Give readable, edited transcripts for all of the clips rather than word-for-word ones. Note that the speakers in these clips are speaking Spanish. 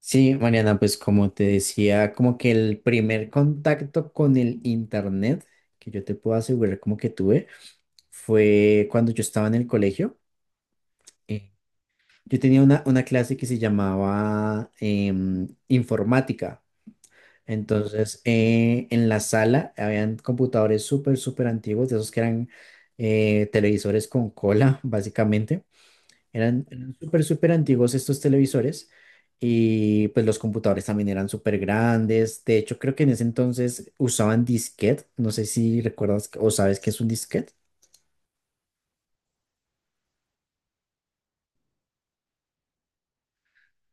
Sí, Mariana, pues como te decía, como que el primer contacto con el internet que yo te puedo asegurar como que tuve fue cuando yo estaba en el colegio. Eh, yo tenía una clase que se llamaba informática. Entonces, en la sala habían computadores súper antiguos, de esos que eran televisores con cola, básicamente. Eran súper antiguos estos televisores y pues los computadores también eran súper grandes. De hecho, creo que en ese entonces usaban disquete. No sé si recuerdas o sabes qué es un disquete.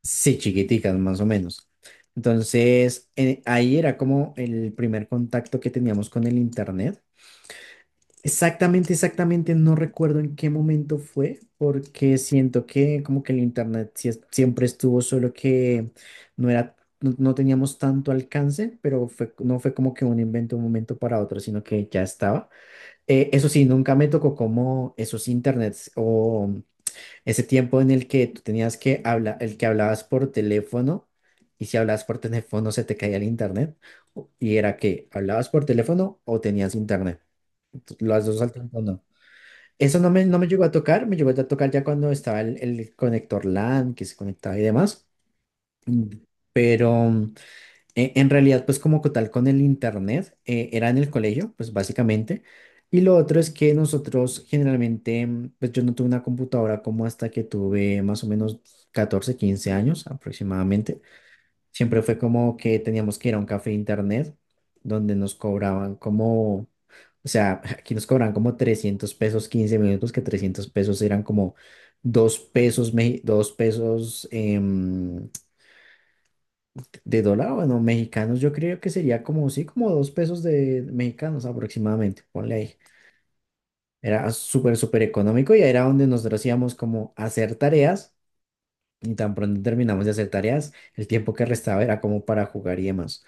Sí, chiquiticas, más o menos. Entonces, ahí era como el primer contacto que teníamos con el internet. Exactamente, exactamente, no recuerdo en qué momento fue, porque siento que como que el internet siempre estuvo, solo que no no teníamos tanto alcance, pero no fue como que un invento de un momento para otro, sino que ya estaba. Eso sí, nunca me tocó como esos internets o ese tiempo en el que tú tenías que hablar, el que hablabas por teléfono y si hablabas por teléfono se te caía el internet y era que hablabas por teléfono o tenías internet. Las dos al tiempo no. Eso no me llegó a tocar, me llegó a tocar ya cuando estaba el conector LAN que se conectaba y demás. Mm, Pero mm, en realidad, pues como tal con el internet, era en el colegio, pues básicamente. Y lo otro es que nosotros generalmente, pues yo no tuve una computadora como hasta que tuve más o menos 14 15 años aproximadamente. Siempre fue como que teníamos que ir a un café internet donde nos cobraban como, o sea, aquí nos cobraban como 300 pesos 15 minutos, que 300 pesos eran como 2 pesos, dos pesos de dólar, bueno, mexicanos, yo creo que sería como, sí, como 2 pesos de mexicanos aproximadamente, ponle ahí. Era súper económico y era donde nosotros íbamos como a hacer tareas y tan pronto terminamos de hacer tareas, el tiempo que restaba era como para jugar y demás.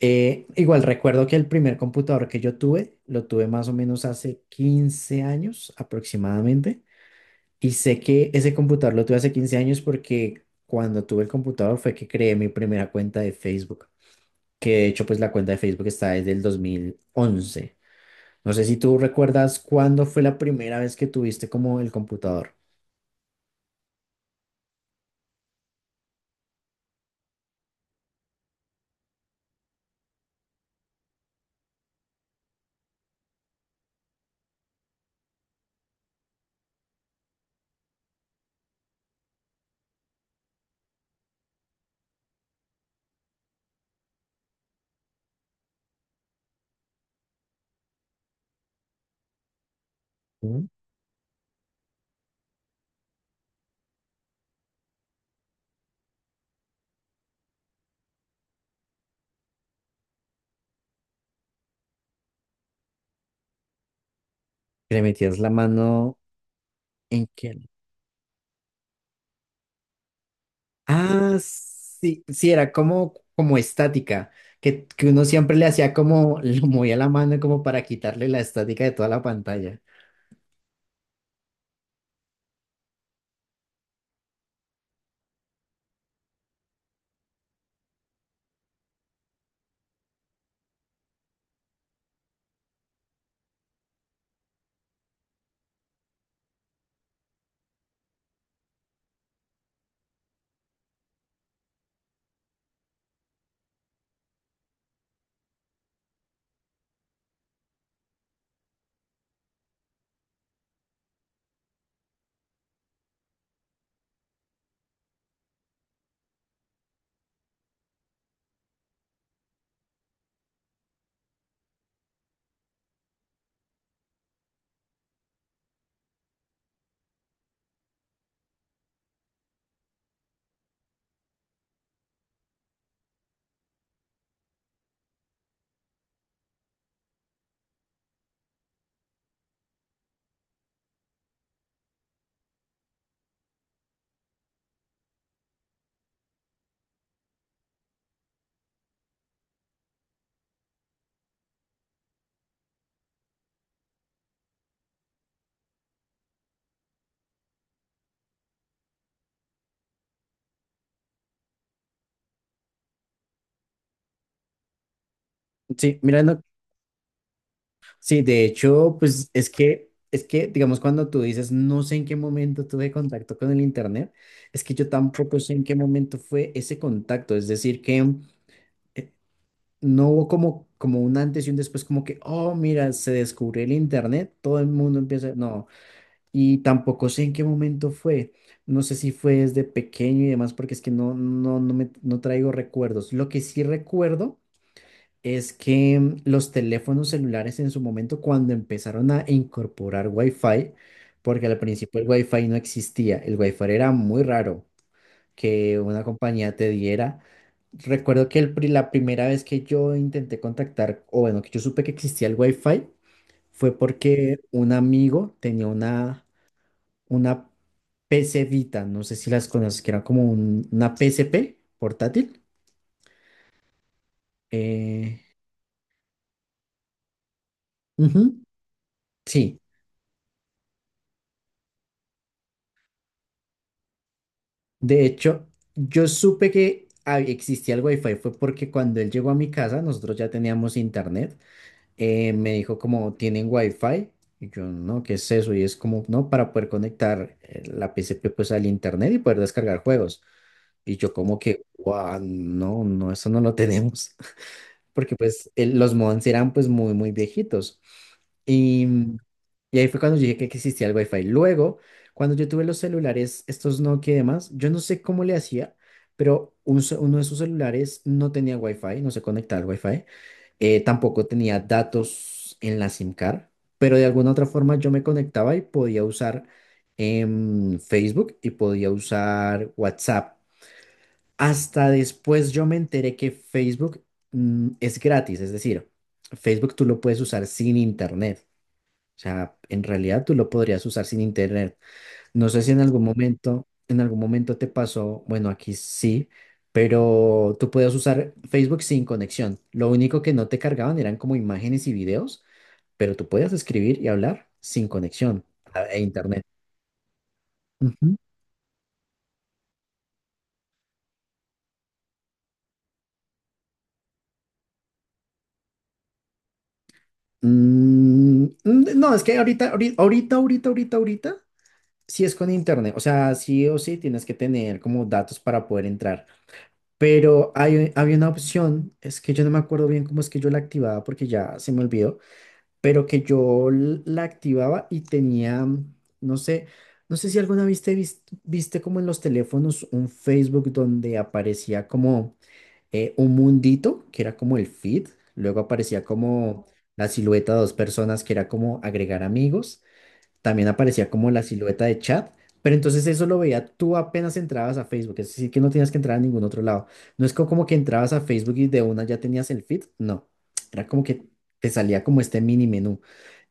Igual recuerdo que el primer computador que yo tuve, lo tuve más o menos hace 15 años aproximadamente. Y sé que ese computador lo tuve hace 15 años porque cuando tuve el computador fue que creé mi primera cuenta de Facebook. Que de hecho, pues la cuenta de Facebook está desde el dos mil once. No sé si tú recuerdas cuándo fue la primera vez que tuviste como el computador. Mm. Que le metías la mano en qué. Ah, sí, sí, era como, como estática, que uno siempre le hacía como, lo movía la mano como para quitarle la estática de toda la pantalla. Sí, mira, no, sí, de hecho, pues digamos, cuando tú dices, no sé en qué momento tuve contacto con el internet, es que yo tampoco sé en qué momento fue ese contacto, es decir, que eh, no hubo como, como un antes y un después, como que, oh, mira, se descubrió el internet, todo el mundo empieza, no. Y tampoco sé en qué momento fue. No sé si fue desde pequeño y demás, porque es que no traigo recuerdos. Lo que sí recuerdo es que los teléfonos celulares en su momento, cuando empezaron a incorporar Wi-Fi, porque al principio el Wi-Fi no existía, el Wi-Fi era muy raro que una compañía te diera. Recuerdo que la primera vez que yo intenté contactar, o bueno, que yo supe que existía el Wi-Fi, fue porque un amigo tenía una PC Vita, no sé si las conoces, que era como una PSP portátil. Eh, ujú, sí, de hecho, yo supe que existía el Wi-Fi fue porque cuando él llegó a mi casa, nosotros ya teníamos internet. Me dijo como, ¿tienen Wi-Fi? Y yo, no, ¿qué es eso? Y es como, no, para poder conectar la PSP pues al internet y poder descargar juegos. Y yo como que, wow, no, no, eso no lo tenemos. Porque pues los modems eran pues muy, muy viejitos. Y, y ahí fue cuando yo dije que existía el Wi-Fi. Luego, cuando yo tuve los celulares, estos Nokia y demás, yo no sé cómo le hacía, pero uno de sus celulares no tenía Wi-Fi, no se conectaba al Wi-Fi, tampoco tenía datos en la SIM card, pero de alguna otra forma yo me conectaba y podía usar Facebook y podía usar WhatsApp. Hasta después yo me enteré que Facebook es gratis, es decir, Facebook tú lo puedes usar sin internet. O sea, en realidad tú lo podrías usar sin internet. No sé si en algún momento, en algún momento te pasó, bueno, aquí sí, pero tú podías usar Facebook sin conexión. Lo único que no te cargaban eran como imágenes y videos, pero tú podías escribir y hablar sin conexión e internet. Ujú. Mm, mm, no, es que ahorita, ahorita, ahorita, ahorita, ahorita, ahorita. Si es con internet, o sea, sí o sí tienes que tener como datos para poder entrar. Pero había una opción, es que yo no me acuerdo bien cómo es que yo la activaba porque ya se me olvidó, pero que yo la activaba y tenía, no sé, no sé si alguna viste como en los teléfonos un Facebook donde aparecía como un mundito, que era como el feed, luego aparecía como la silueta de dos personas, que era como agregar amigos también aparecía como la silueta de chat, pero entonces eso lo veía tú apenas entrabas a Facebook, es decir, que no tenías que entrar a ningún otro lado. No como que entrabas a Facebook y de una ya tenías el feed, no, era como que te salía como este mini menú.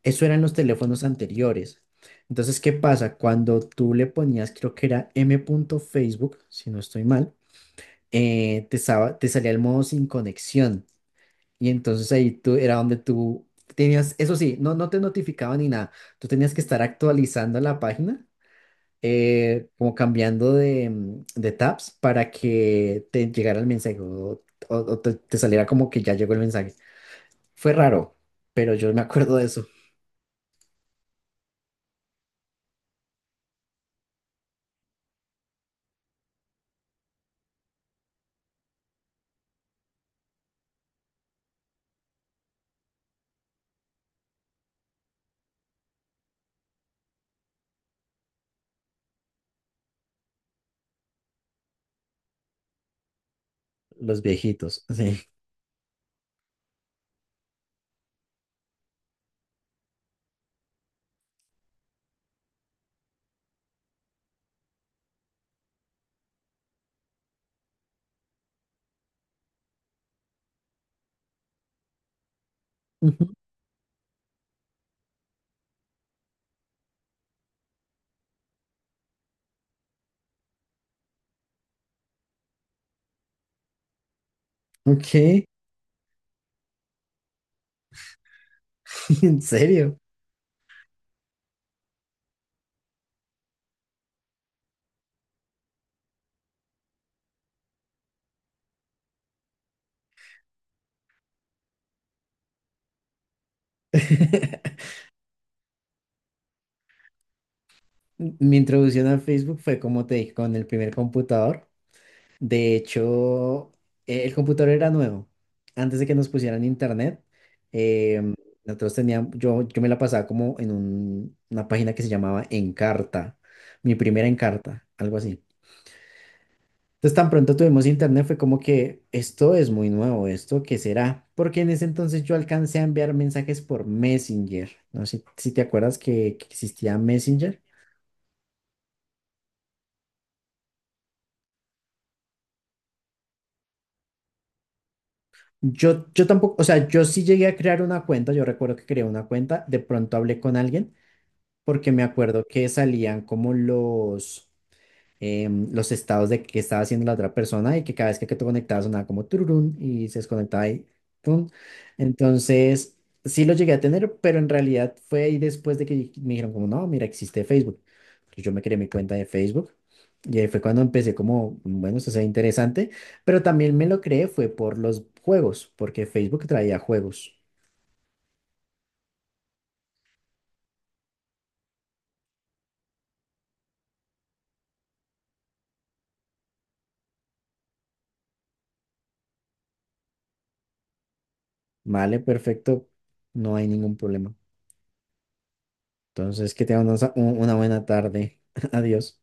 Eso eran los teléfonos anteriores. Entonces, ¿qué pasa? Cuando tú le ponías, creo que era m.facebook, si no estoy mal, te salía el modo sin conexión. Y entonces ahí tú era donde tú tenías, eso sí, no te notificaban ni nada. Tú tenías que estar actualizando la página, como cambiando de, de tabs para que te llegara el mensaje o te saliera como que ya llegó el mensaje. Fue raro, pero yo me acuerdo de eso. Los viejitos, sí. Ujú. Ok, en serio. Mi introducción a Facebook fue como te dije, con el primer computador. De hecho, el computador era nuevo. Antes de que nos pusieran internet, em, nosotros teníamos, yo me la pasaba como en una página que se llamaba Encarta, mi primera Encarta, algo así. Entonces, tan pronto tuvimos internet, fue como que esto es muy nuevo, ¿esto qué será? Porque en ese entonces yo alcancé a enviar mensajes por Messenger. No sé si te acuerdas que existía Messenger. Yo tampoco, o sea, yo sí llegué a crear una cuenta, yo recuerdo que creé una cuenta, de pronto hablé con alguien porque me acuerdo que salían como los, los estados de qué estaba haciendo la otra persona y que cada vez que te conectabas sonaba como tururún y se desconectaba y tun. Entonces, sí lo llegué a tener, pero en realidad fue ahí después de que me dijeron como, no, mira, existe Facebook. Entonces yo me creé mi cuenta de Facebook y ahí fue cuando empecé como, bueno, esto se ve interesante, pero también me lo creé fue por los juegos, porque Facebook traía juegos. Vale, perfecto, no hay ningún problema. Entonces, que tengan una buena tarde. Adiós.